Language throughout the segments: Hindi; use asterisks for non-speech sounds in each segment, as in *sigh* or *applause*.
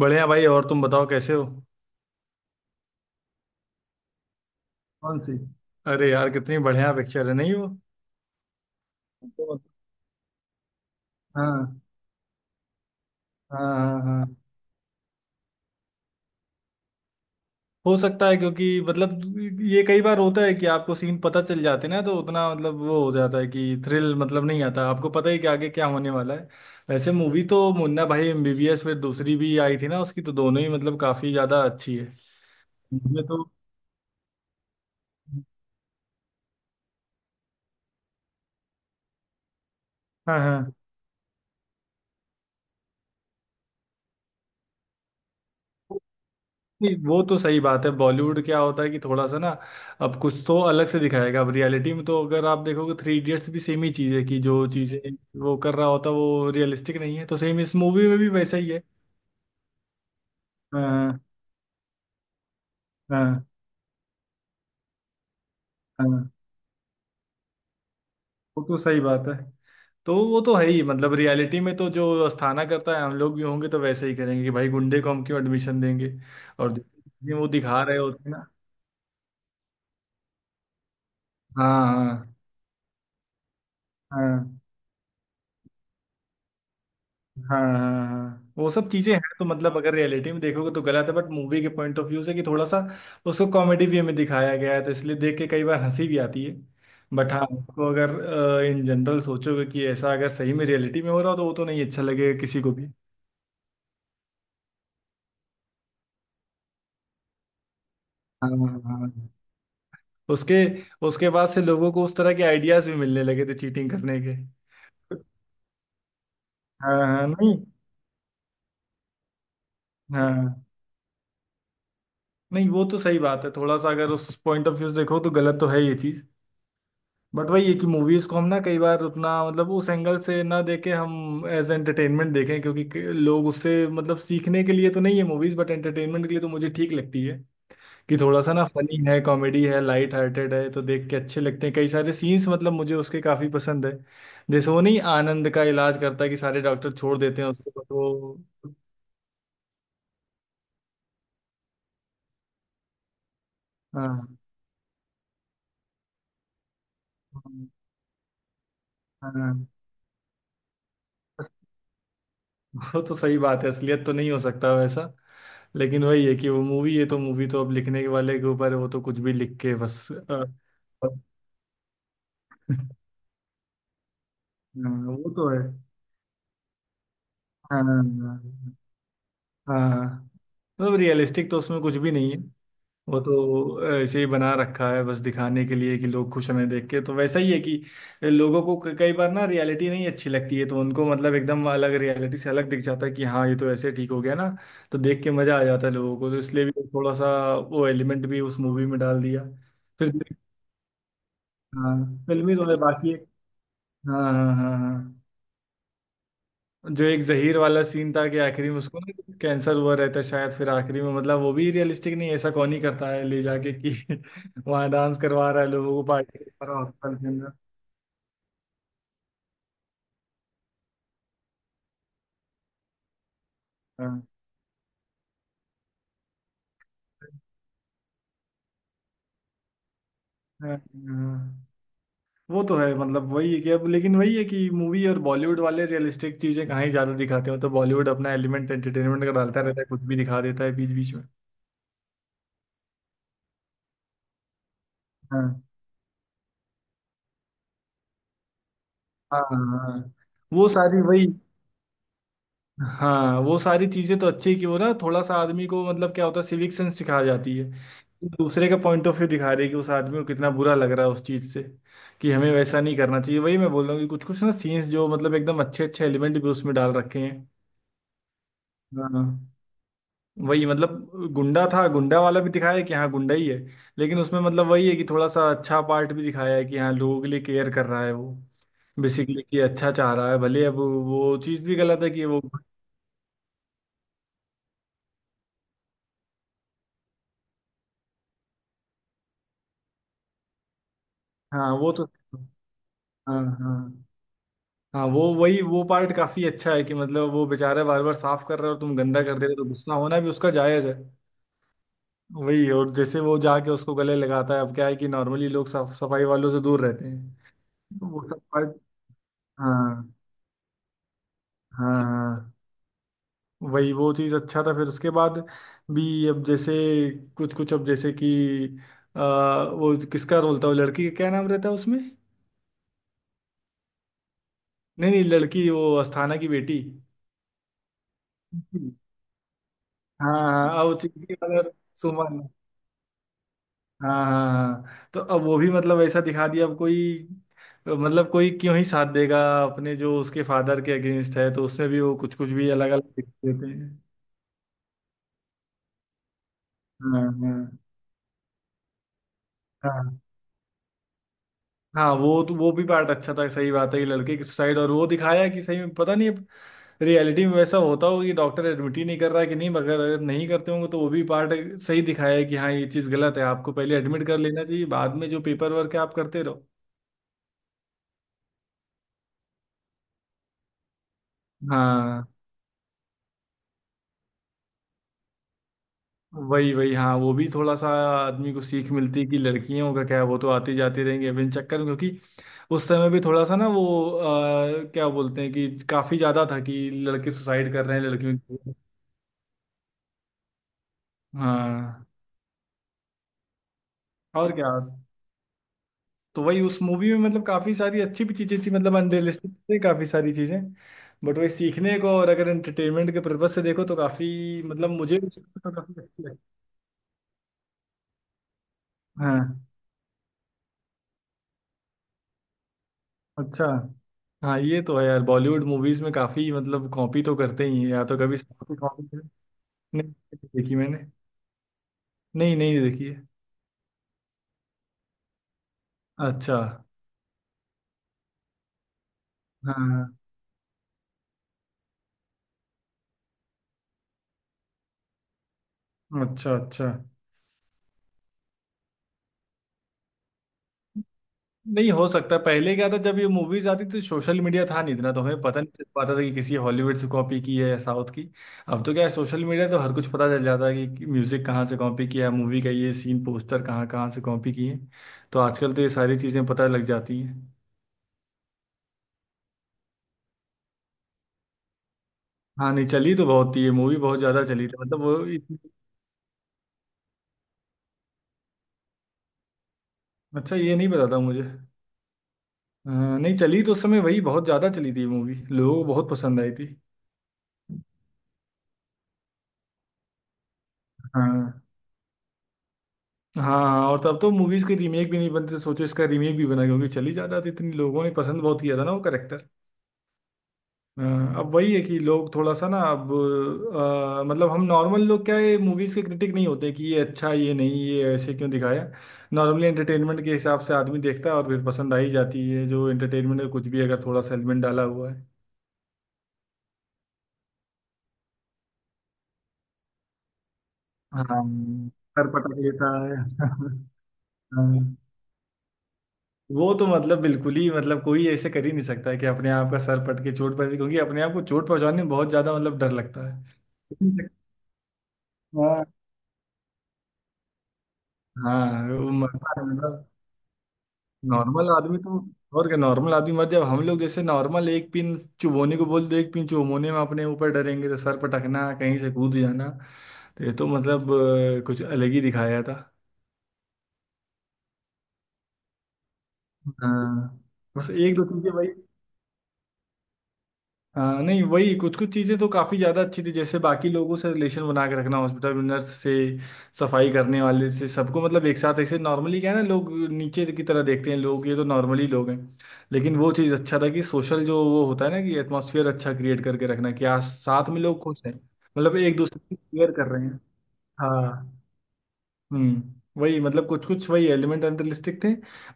बढ़िया भाई। और तुम बताओ कैसे हो। कौन सी। अरे यार कितनी बढ़िया पिक्चर है। नहीं वो तो, हाँ हाँ हाँ। हाँ, हो सकता है क्योंकि मतलब ये कई बार होता है कि आपको सीन पता चल जाते हैं ना, तो उतना मतलब वो हो जाता है कि थ्रिल मतलब नहीं आता, आपको पता ही कि आगे क्या होने वाला है। वैसे मूवी तो मुन्ना भाई एमबीबीएस, फिर दूसरी भी आई थी ना उसकी, तो दोनों ही मतलब काफी ज्यादा अच्छी है। मुझे तो हाँ हाँ। नहीं वो तो सही बात है, बॉलीवुड क्या होता है कि थोड़ा सा ना, अब कुछ तो अलग से दिखाएगा। अब रियलिटी में तो अगर आप देखोगे थ्री इडियट्स भी सेम ही चीज़ है कि जो चीज़ें वो कर रहा होता है वो रियलिस्टिक नहीं है, तो सेम इस मूवी में भी वैसा ही है। हाँ हाँ हाँ। वो तो सही बात है। तो वो तो है ही, मतलब रियलिटी में तो जो अस्थाना करता है हम लोग भी होंगे तो वैसे ही करेंगे कि भाई गुंडे को हम क्यों एडमिशन देंगे। और जो वो दिखा रहे होते हैं ना। हाँ हाँ हाँ हाँ हाँ, हाँ। वो सब चीजें हैं तो मतलब अगर रियलिटी में देखोगे तो गलत है, बट मूवी के पॉइंट ऑफ व्यू से कि थोड़ा सा उसको कॉमेडी वे में दिखाया गया है, तो इसलिए देख के कई बार हंसी भी आती है। बट हाँ, उसको अगर इन जनरल सोचोगे कि ऐसा अगर सही में रियलिटी में हो रहा हो तो वो तो नहीं अच्छा लगेगा किसी को भी। हाँ हाँ हाँ। उसके उसके बाद से लोगों को उस तरह के आइडियाज भी मिलने लगे थे चीटिंग करने के। हाँ हाँ नहीं। हाँ नहीं वो तो सही बात है, थोड़ा सा अगर उस पॉइंट ऑफ व्यू से देखो तो गलत तो है ये चीज। बट वही है कि मूवीज को हम ना कई बार उतना मतलब उस एंगल से ना देके हम एज एंटरटेनमेंट देखें क्योंकि लोग उससे मतलब सीखने के लिए तो नहीं है मूवीज बट एंटरटेनमेंट के लिए, तो मुझे ठीक लगती है कि थोड़ा सा ना फनी है, कॉमेडी है, लाइट हार्टेड है, तो देख के अच्छे लगते हैं कई सारे सीन्स, मतलब मुझे उसके काफी पसंद है। जैसे वो नहीं आनंद का इलाज करता है कि सारे डॉक्टर छोड़ देते हैं उसको बट वो हाँ हाँ हाँ। हाँ। *laughs* वो तो सही बात है, असलियत तो नहीं हो सकता वैसा। लेकिन वही है कि वो मूवी है तो मूवी तो अब लिखने के वाले के ऊपर है, वो तो कुछ भी लिख के बस हाँ, वो तो है। हाँ हाँ, मतलब रियलिस्टिक तो उसमें कुछ भी नहीं है। वो तो ऐसे ही बना रखा है बस दिखाने के लिए कि लोग खुश हमें देख के, तो वैसा ही है कि लोगों को कई बार ना रियलिटी नहीं अच्छी लगती है तो उनको मतलब एकदम अलग रियलिटी से अलग दिख जाता है कि हाँ ये तो ऐसे ठीक हो गया ना, तो देख के मजा आ जाता है लोगों को, तो इसलिए भी थोड़ा सा वो एलिमेंट भी उस मूवी में डाल दिया। फिर हाँ, फिल्मी तो है बाकी एक। हाँ हाँ हाँ हाँ। जो एक जहीर वाला सीन था कि आखिरी में उसको ना कैंसर हुआ रहता है शायद, फिर आखिरी में मतलब वो भी रियलिस्टिक नहीं है, ऐसा कौन ही करता है ले जाके कि *laughs* वहाँ डांस करवा रहा है लोगों को, पार्टी कर रहा है हॉस्पिटल के अंदर। हाँ हाँ, हाँ। वो तो है, मतलब वही है कि अब लेकिन वही है कि मूवी और बॉलीवुड वाले रियलिस्टिक चीजें कहाँ ही ज्यादा दिखाते हो, तो बॉलीवुड अपना एलिमेंट एंटरटेनमेंट का डालता रहता है, कुछ भी दिखा देता है बीच बीच में। हाँ हाँ हाँ वो सारी वही, हाँ वो सारी चीजें तो अच्छी है कि वो ना थोड़ा सा आदमी को मतलब क्या होता है सिविक सेंस सिखा जाती है, दूसरे का पॉइंट ऑफ व्यू दिखा रही है कि उस आदमी को कितना बुरा लग रहा है उस चीज से कि हमें वैसा नहीं करना चाहिए। वही मैं बोल रहा हूँ कि कुछ कुछ ना सीन्स जो मतलब एकदम अच्छे अच्छे एलिमेंट भी उसमें डाल रखे हैं। हाँ वही मतलब गुंडा था, गुंडा वाला भी दिखाया है कि हाँ गुंडा ही है, लेकिन उसमें मतलब वही है कि थोड़ा सा अच्छा पार्ट भी दिखाया है कि हाँ लोगों के लिए केयर कर रहा है वो, बेसिकली कि अच्छा चाह रहा है भले अब वो चीज़ भी गलत है कि वो हाँ वो तो हाँ हाँ हाँ वो पार्ट काफी अच्छा है कि मतलब वो बेचारा बार बार साफ कर रहे हो और तुम गंदा कर दे रहे हो तो गुस्सा होना भी उसका जायज है। वही और जैसे वो जाके उसको गले लगाता है, अब क्या है कि नॉर्मली लोग साफ सफाई वालों से दूर रहते हैं तो वो सब पार्ट। हाँ हाँ हाँ वही वो चीज़ अच्छा था, फिर उसके बाद भी अब जैसे कुछ कुछ अब जैसे कि आ, वो किसका रोल था वो लड़की का क्या नाम रहता है उसमें। नहीं नहीं लड़की वो अस्थाना की बेटी। हाँ हाँ, वो चिंकी वाला। सुमन। हाँ हाँ, हाँ। तो अब वो भी मतलब ऐसा दिखा दिया अब कोई, तो मतलब कोई क्यों ही साथ देगा अपने जो उसके फादर के अगेंस्ट है, तो उसमें भी वो कुछ कुछ भी अलग अलग दिख देते हैं। हाँ हाँ हाँ हाँ वो तो वो भी पार्ट अच्छा था, सही बात है कि लड़के की सुसाइड और वो दिखाया कि सही में पता नहीं अब रियलिटी में वैसा होता हो कि डॉक्टर एडमिट ही नहीं कर रहा है कि नहीं, मगर अगर नहीं करते होंगे तो वो भी पार्ट सही दिखाया है कि हाँ ये चीज़ गलत है, आपको पहले एडमिट कर लेना चाहिए, बाद में जो पेपर वर्क है आप करते रहो। हाँ वही वही हाँ वो भी थोड़ा सा आदमी को सीख मिलती है कि लड़कियों का क्या है, वो तो आती जाती रहेंगी बिन चक्कर में क्योंकि उस समय भी थोड़ा सा ना वो क्या बोलते हैं कि काफी ज्यादा था कि लड़के सुसाइड कर रहे हैं लड़कियों की। हाँ और क्या, तो वही उस मूवी में मतलब काफी सारी अच्छी भी चीजें थी, मतलब अनरियलिस्टिक थी काफी सारी चीजें, बट वही सीखने को और अगर एंटरटेनमेंट के पर्पज से देखो तो काफी मतलब मुझे भी तो काफी अच्छी लगी। हाँ अच्छा। हाँ ये तो है यार, बॉलीवुड मूवीज में काफी मतलब कॉपी तो करते ही हैं, या तो कभी साउथ की कॉपी कर। नहीं नहीं देखी मैंने। नहीं नहीं देखी है। अच्छा। हाँ। अच्छा अच्छा। नहीं हो सकता है। पहले क्या था, जब ये मूवीज आती थी सोशल मीडिया था नहीं इतना, तो हमें पता नहीं चल पाता था कि किसी हॉलीवुड से कॉपी की है या साउथ की। अब तो क्या है, सोशल मीडिया तो हर कुछ पता चल जाता है कि म्यूजिक कहाँ से कॉपी किया है, मूवी का ये सीन पोस्टर कहाँ कहाँ से कॉपी किए, तो आजकल तो ये सारी चीजें पता लग जाती हैं। हाँ नहीं, चली तो बहुत थी ये मूवी, बहुत ज्यादा चली थी मतलब। वो अच्छा ये नहीं पता था मुझे। अ, नहीं चली तो उस समय वही बहुत ज़्यादा चली थी मूवी, लोगों को बहुत पसंद आई थी। हाँ हाँ और तब तो मूवीज के रीमेक भी नहीं बनते, तो सोचो इसका रीमेक भी बना क्योंकि चली जाता था, इतनी लोगों ने पसंद बहुत किया था ना वो करेक्टर। अब वही है कि लोग थोड़ा सा ना अब मतलब हम नॉर्मल लोग क्या है, मूवीज के क्रिटिक नहीं होते कि ये अच्छा ये नहीं ये ऐसे क्यों दिखाया, नॉर्मली एंटरटेनमेंट के हिसाब से आदमी देखता है और फिर पसंद आ ही जाती है जो एंटरटेनमेंट में कुछ भी अगर थोड़ा सा एलिमेंट डाला हुआ है। हाँ, सर पटक लेता है। *laughs* हाँ, वो तो मतलब बिल्कुल ही मतलब कोई ऐसे कर ही नहीं सकता है कि अपने आप का सर पटके चोट पहुंचे, क्योंकि अपने आप को चोट पहुंचाने में बहुत ज्यादा मतलब डर लगता है। हाँ हाँ, वो मरता है मतलब। नॉर्मल आदमी तो और क्या नॉर्मल आदमी मर, जब हम लोग जैसे नॉर्मल एक पिन चुभोने को बोल दो, एक पिन चुभोने में अपने ऊपर डरेंगे तो सर पटकना कहीं से कूद जाना तो ये तो मतलब कुछ अलग ही दिखाया था। हाँ बस एक दो चीजें भाई। हाँ नहीं वही, कुछ कुछ चीज़ें तो काफ़ी ज़्यादा अच्छी थी, जैसे बाकी लोगों से रिलेशन बना के रखना, हॉस्पिटल में नर्स से सफाई करने वाले से सबको, मतलब एक साथ ऐसे, नॉर्मली क्या है ना लोग नीचे की तरह देखते हैं लोग ये तो नॉर्मली लोग हैं, लेकिन वो चीज़ अच्छा था कि सोशल जो वो होता है ना कि एटमोसफियर अच्छा क्रिएट करके रखना कि आज साथ में लोग खुश हैं, मतलब एक दूसरे की केयर कर रहे हैं। हाँ। वही, मतलब कुछ कुछ वही एलिमेंट अनरियलिस्टिक थे,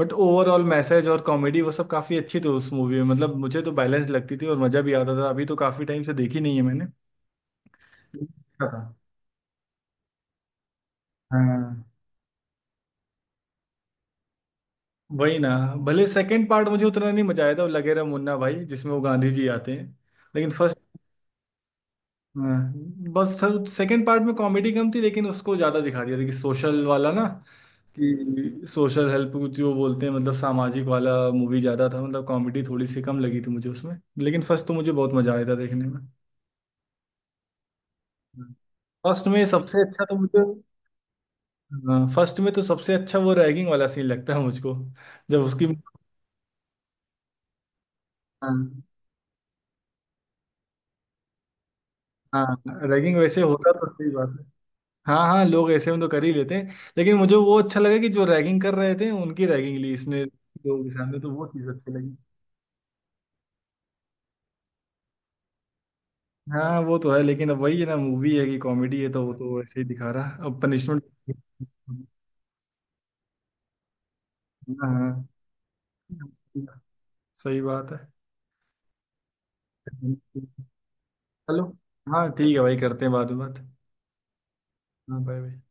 बट ओवरऑल मैसेज और कॉमेडी वो सब काफी अच्छी थी उस मूवी में, मतलब मुझे तो बैलेंस लगती थी और मजा भी आता था, अभी तो काफी टाइम से देखी नहीं है मैंने। देखा था। हाँ वही ना, भले सेकंड पार्ट मुझे उतना नहीं मजा आया था वो लगेरा मुन्ना भाई जिसमें वो गांधी जी आते हैं, लेकिन फर्स्ट बस, सेकंड पार्ट में कॉमेडी कम थी लेकिन उसको ज्यादा दिखा दिया था कि सोशल वाला ना, कि सोशल हेल्प जो बोलते हैं, मतलब सामाजिक वाला मूवी ज़्यादा था, मतलब कॉमेडी थोड़ी सी कम लगी थी मुझे उसमें, लेकिन फर्स्ट तो मुझे बहुत मज़ा आया था देखने में। फर्स्ट में सबसे अच्छा तो मुझे, हाँ, फर्स्ट में तो सबसे अच्छा वो रैगिंग वाला सीन लगता है मुझको, जब उसकी हाँ हाँ रैगिंग वैसे होता तो सही बात है। हाँ हाँ लोग ऐसे में तो कर ही लेते हैं लेकिन मुझे वो अच्छा लगा कि जो रैगिंग कर रहे थे उनकी रैगिंग ली इसने लोगों के सामने, तो वो चीज़ अच्छी लगी। हाँ वो तो है लेकिन अब वही है ना मूवी है कि कॉमेडी है तो वो तो ऐसे ही दिखा रहा अब पनिशमेंट। *laughs* हाँ हाँ सही बात है। चलो हाँ ठीक है भाई, करते हैं बाद में बात। हाँ बाय बाय।